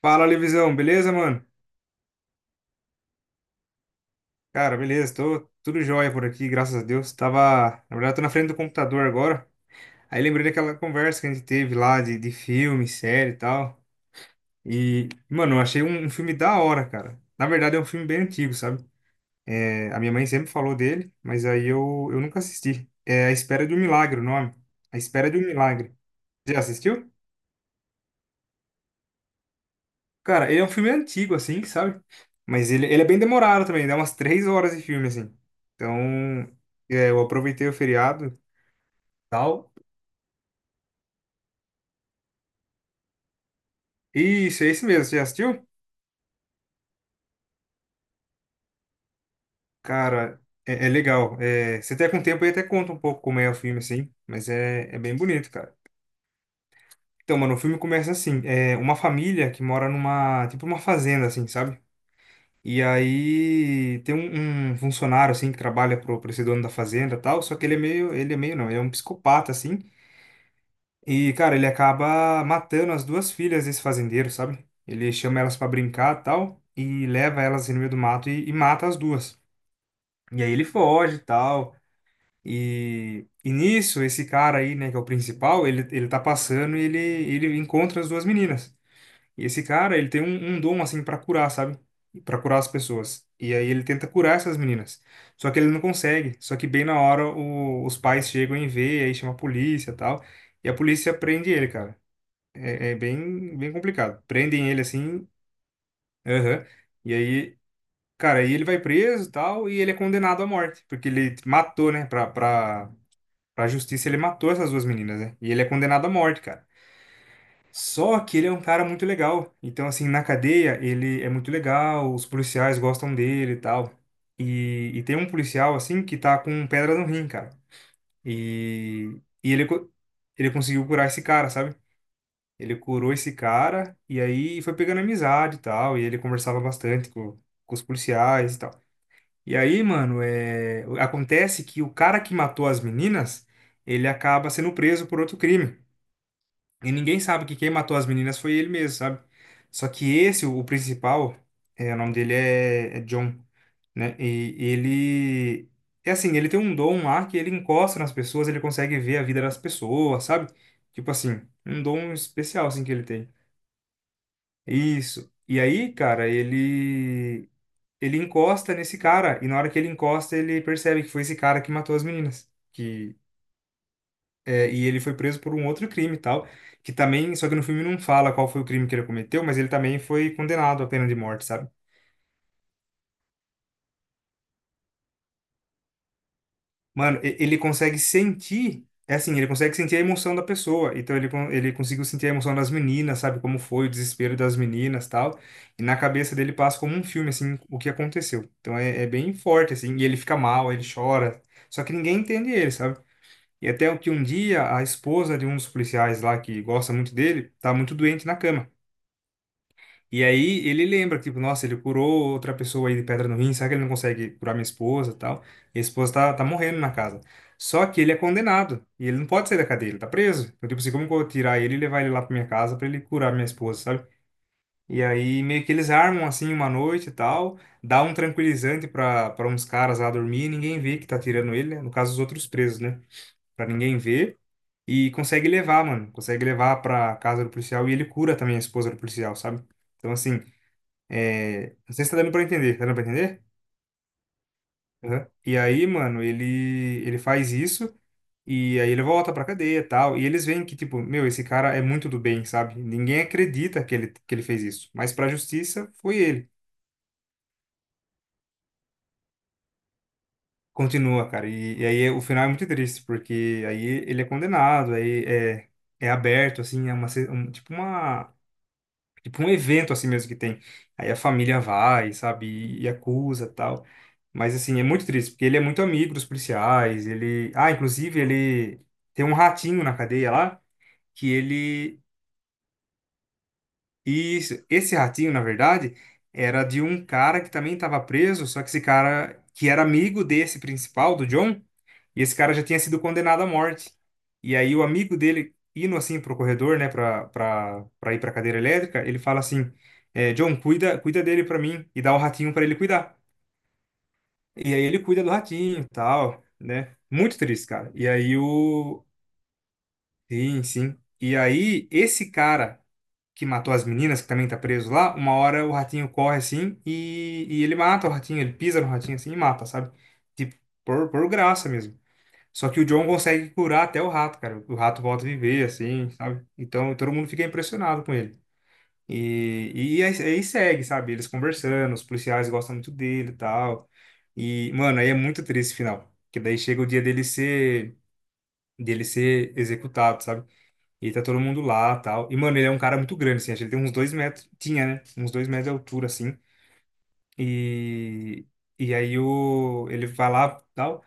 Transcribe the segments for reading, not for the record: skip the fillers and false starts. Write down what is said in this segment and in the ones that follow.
Fala, Levisão, beleza, mano? Cara, beleza, tô tudo jóia por aqui, graças a Deus. Tava, na verdade, tô na frente do computador agora. Aí lembrei daquela conversa que a gente teve lá de filme, série e tal. E, mano, eu achei um filme da hora, cara. Na verdade, é um filme bem antigo, sabe? É, a minha mãe sempre falou dele, mas aí eu nunca assisti. É A Espera de um Milagre, o nome. A Espera de um Milagre. Já assistiu? Cara, ele é um filme antigo, assim, sabe? Mas ele é bem demorado também, dá umas 3 horas de filme, assim. Então, eu aproveitei o feriado e tal. Isso, é esse mesmo, você já assistiu? Cara, é legal. Se até com o tempo aí até conta um pouco como é o filme, assim, mas é bem bonito, cara. Então, mano, o filme começa assim, é uma família que mora numa, tipo uma fazenda, assim, sabe? E aí tem um funcionário, assim, que trabalha pro esse dono da fazenda e tal, só que ele é meio, não, ele é um psicopata, assim. E, cara, ele acaba matando as duas filhas desse fazendeiro, sabe? Ele chama elas pra brincar e tal, e leva elas no meio do mato e mata as duas. E aí ele foge e tal. E nisso, esse cara aí, né, que é o principal, ele tá passando e ele encontra as duas meninas. E esse cara, ele tem um dom, assim, pra curar, sabe? Pra curar as pessoas. E aí ele tenta curar essas meninas. Só que ele não consegue. Só que bem na hora os pais chegam e vê, aí chama a polícia e tal. E a polícia prende ele, cara. É bem, bem complicado. Prendem ele assim, aham. E aí, cara, aí ele vai preso e tal, e ele é condenado à morte, porque ele matou, né? Pra justiça, ele matou essas duas meninas, né? E ele é condenado à morte, cara. Só que ele é um cara muito legal. Então, assim, na cadeia, ele é muito legal, os policiais gostam dele e tal. E tem um policial, assim, que tá com pedra no rim, cara. E ele conseguiu curar esse cara, sabe? Ele curou esse cara e aí foi pegando amizade e tal. E ele conversava bastante com os policiais e tal. E aí, mano, acontece que o cara que matou as meninas, ele acaba sendo preso por outro crime. E ninguém sabe que quem matou as meninas foi ele mesmo, sabe? Só que esse, o principal, o nome dele é John, né? E ele. É assim, ele tem um dom lá que ele encosta nas pessoas, ele consegue ver a vida das pessoas, sabe? Tipo assim, um dom especial assim que ele tem. Isso. E aí, cara, ele encosta nesse cara e na hora que ele encosta, ele percebe que foi esse cara que matou as meninas, que e ele foi preso por um outro crime e tal, que também, só que no filme não fala qual foi o crime que ele cometeu, mas ele também foi condenado à pena de morte, sabe? Mano, ele consegue sentir, é assim, ele consegue sentir a emoção da pessoa. Então ele conseguiu sentir a emoção das meninas, sabe? Como foi o desespero das meninas, tal. E na cabeça dele passa como um filme, assim, o que aconteceu. Então é bem forte, assim. E ele fica mal, ele chora. Só que ninguém entende ele, sabe? E até o que um dia a esposa de um dos policiais lá, que gosta muito dele, tá muito doente na cama. E aí ele lembra, tipo, nossa, ele curou outra pessoa aí de pedra no rim, será que ele não consegue curar minha esposa e tal? E a esposa tá morrendo na casa. Só que ele é condenado, e ele não pode sair da cadeia, ele tá preso. Então, tipo assim, como que eu vou tirar ele e levar ele lá pra minha casa pra ele curar minha esposa, sabe? E aí meio que eles armam assim uma noite e tal, dá um tranquilizante pra uns caras lá dormir e ninguém vê que tá tirando ele, né? No caso, os outros presos, né? Pra ninguém ver. E consegue levar, mano. Consegue levar pra casa do policial e ele cura também a esposa do policial, sabe? Então, assim, não sei se tá dando pra entender. Tá dando pra entender? Aham. E aí, mano, ele faz isso e aí ele volta pra cadeia e tal. E eles veem que, tipo, meu, esse cara é muito do bem, sabe? Ninguém acredita que ele fez isso. Mas pra justiça, foi ele. Continua, cara. E aí o final é muito triste, porque aí ele é condenado, aí é aberto, assim, é uma, se- um- tipo uma. Tipo um evento assim mesmo que tem. Aí a família vai, sabe, e acusa tal. Mas assim, é muito triste, porque ele é muito amigo dos policiais, ele... Ah, inclusive ele tem um ratinho na cadeia lá, que ele... Isso, esse ratinho, na verdade, era de um cara que também estava preso, só que esse cara, que era amigo desse principal, do John, e esse cara já tinha sido condenado à morte. E aí o amigo dele, indo assim pro corredor, né, pra ir pra cadeira elétrica, ele fala assim, John, cuida, cuida dele pra mim, e dá o ratinho pra ele cuidar. E aí ele cuida do ratinho e tal, né? Muito triste, cara. E aí o... Sim, sim. E aí esse cara que matou as meninas, que também tá preso lá, uma hora o ratinho corre assim e ele mata o ratinho, ele pisa no ratinho assim e mata, sabe? Tipo, por graça mesmo. Só que o John consegue curar até o rato, cara. O rato volta a viver, assim, sabe? Então todo mundo fica impressionado com ele. E aí, aí segue, sabe? Eles conversando, os policiais gostam muito dele e tal. E, mano, aí é muito triste o final. Que daí chega o dia dele ser executado, sabe? E tá todo mundo lá, tal. E, mano, ele é um cara muito grande, assim. Acho que ele tem uns 2 metros. Tinha, né? Uns 2 metros de altura, assim. E... E aí o... ele vai lá, tal.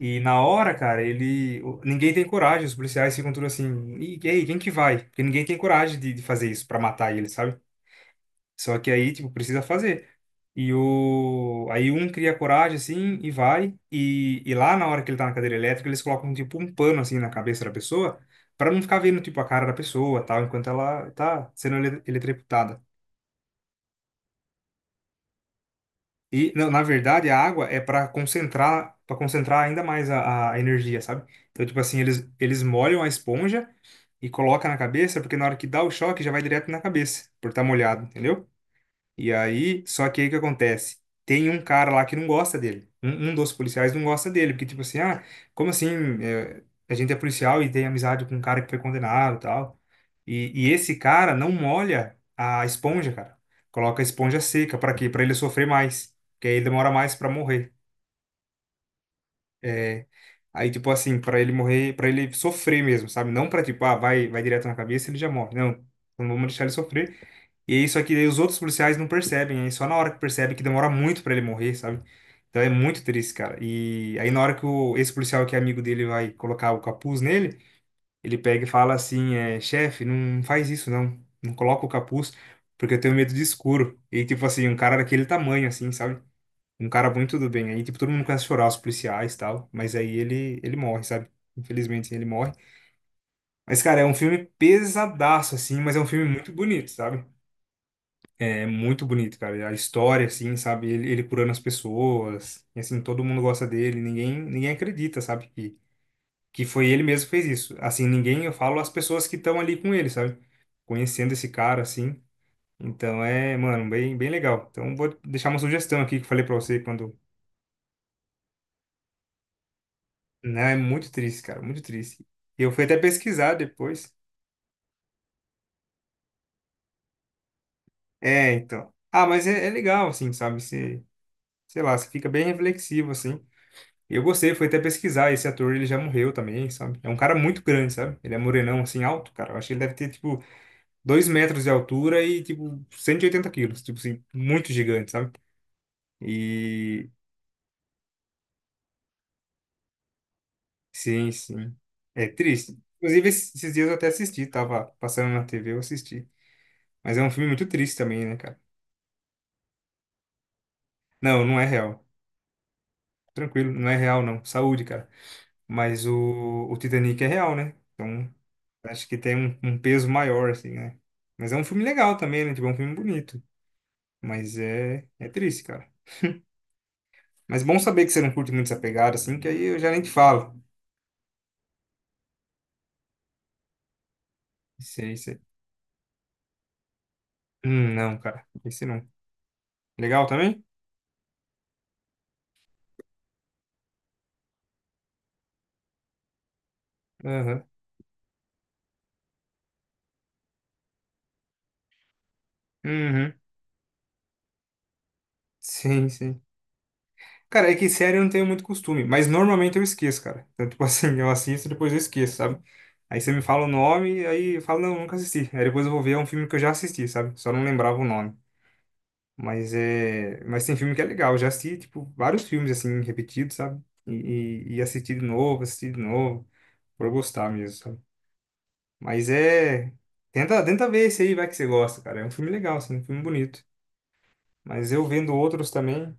E na hora, cara, ele... Ninguém tem coragem. Os policiais ficam tudo assim... E aí, quem que vai? Porque ninguém tem coragem de fazer isso pra matar ele, sabe? Só que aí, tipo, precisa fazer. E o... aí um cria coragem, assim, e vai. E lá na hora que ele tá na cadeira elétrica, eles colocam, tipo, um pano, assim, na cabeça da pessoa, para não ficar vendo, tipo, a cara da pessoa, tal, enquanto ela tá sendo eletrocutada. E, na verdade, a água é para concentrar ainda mais a energia, sabe? Então, tipo assim, eles molham a esponja e colocam na cabeça, porque na hora que dá o choque, já vai direto na cabeça, por estar molhado, entendeu? E aí, só que aí o que acontece? Tem um cara lá que não gosta dele. Um dos policiais não gosta dele, porque tipo assim, ah, como assim? É, a gente é policial e tem amizade com um cara que foi condenado e tal. E esse cara não molha a esponja, cara. Coloca a esponja seca, pra quê? Pra ele sofrer mais, porque aí ele demora mais pra morrer. É, aí tipo assim, pra ele morrer, pra ele sofrer mesmo, sabe? Não pra tipo, ah, vai, vai direto na cabeça, ele já morre. Não, não vamos deixar ele sofrer. E é isso aqui, daí os outros policiais não percebem, aí só na hora que percebe que demora muito pra ele morrer, sabe? Então é muito triste, cara. E aí na hora que esse policial que é amigo dele vai colocar o capuz nele, ele pega e fala assim, chefe, não faz isso não, não coloca o capuz, porque eu tenho medo de escuro. E tipo assim, um cara daquele tamanho assim, sabe? Um cara muito do bem. Aí tipo todo mundo começa a chorar, os policiais e tal, mas aí ele morre, sabe? Infelizmente assim, ele morre. Mas cara, é um filme pesadaço assim, mas é um filme muito bonito, sabe? É muito bonito, cara. A história, assim, sabe? Ele curando as pessoas. E, assim, todo mundo gosta dele. Ninguém acredita, sabe? Que foi ele mesmo que fez isso. Assim, ninguém, eu falo as pessoas que estão ali com ele, sabe? Conhecendo esse cara, assim. Então é, mano, bem, bem legal. Então vou deixar uma sugestão aqui que eu falei pra você quando. Não, é muito triste, cara. Muito triste. Eu fui até pesquisar depois. É, então. Ah, mas é legal, assim, sabe? Você, sei lá, você fica bem reflexivo, assim. E eu gostei, fui até pesquisar, esse ator ele já morreu também, sabe? É um cara muito grande, sabe? Ele é morenão, assim, alto, cara. Eu acho que ele deve ter, tipo, 2 metros de altura e, tipo, 180 quilos. Tipo assim, muito gigante, sabe? E... Sim, sim. É triste. Inclusive, esses dias eu até assisti, tava passando na TV, eu assisti. Mas é um filme muito triste também, né, cara? Não, não é real. Tranquilo, não é real, não. Saúde, cara. Mas o Titanic é real, né? Então, acho que tem um peso maior, assim, né? Mas é um filme legal também, né? Tipo, é um filme bonito. Mas é triste, cara. Mas bom saber que você não curte muito essa pegada, assim, que aí eu já nem te falo. Isso aí, isso. Não, cara. Esse não. Legal também? Aham. Uhum. Sim, sim. Cara, é que série eu não tenho muito costume, mas normalmente eu esqueço, cara. Então, tipo assim, eu assisto e depois eu esqueço, sabe? Aí você me fala o nome, aí eu falo, não, nunca assisti. Aí depois eu vou ver, é um filme que eu já assisti, sabe? Só não lembrava o nome. Mas tem filme que é legal. Eu já assisti, tipo, vários filmes assim repetidos, sabe? E assisti de novo, por eu gostar mesmo, sabe? Mas é, tenta, tenta ver esse aí, vai que você gosta, cara. É um filme legal, assim, um filme bonito. Mas eu vendo outros também.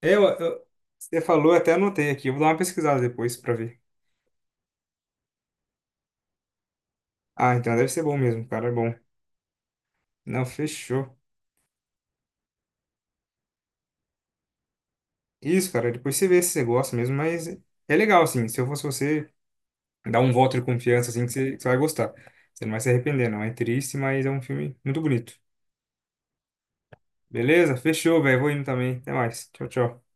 É, Eu, eu- você falou, eu até anotei aqui. Eu vou dar uma pesquisada depois pra ver. Ah, então deve ser bom mesmo, cara, é bom. Não, fechou. Isso, cara, depois você vê se você gosta mesmo, mas é legal, assim. Se eu fosse você dá um voto de confiança assim que você vai gostar. Você não vai se arrepender, não. É triste, mas é um filme muito bonito. Beleza? Fechou, velho. Vou indo também. Até mais. Tchau, tchau.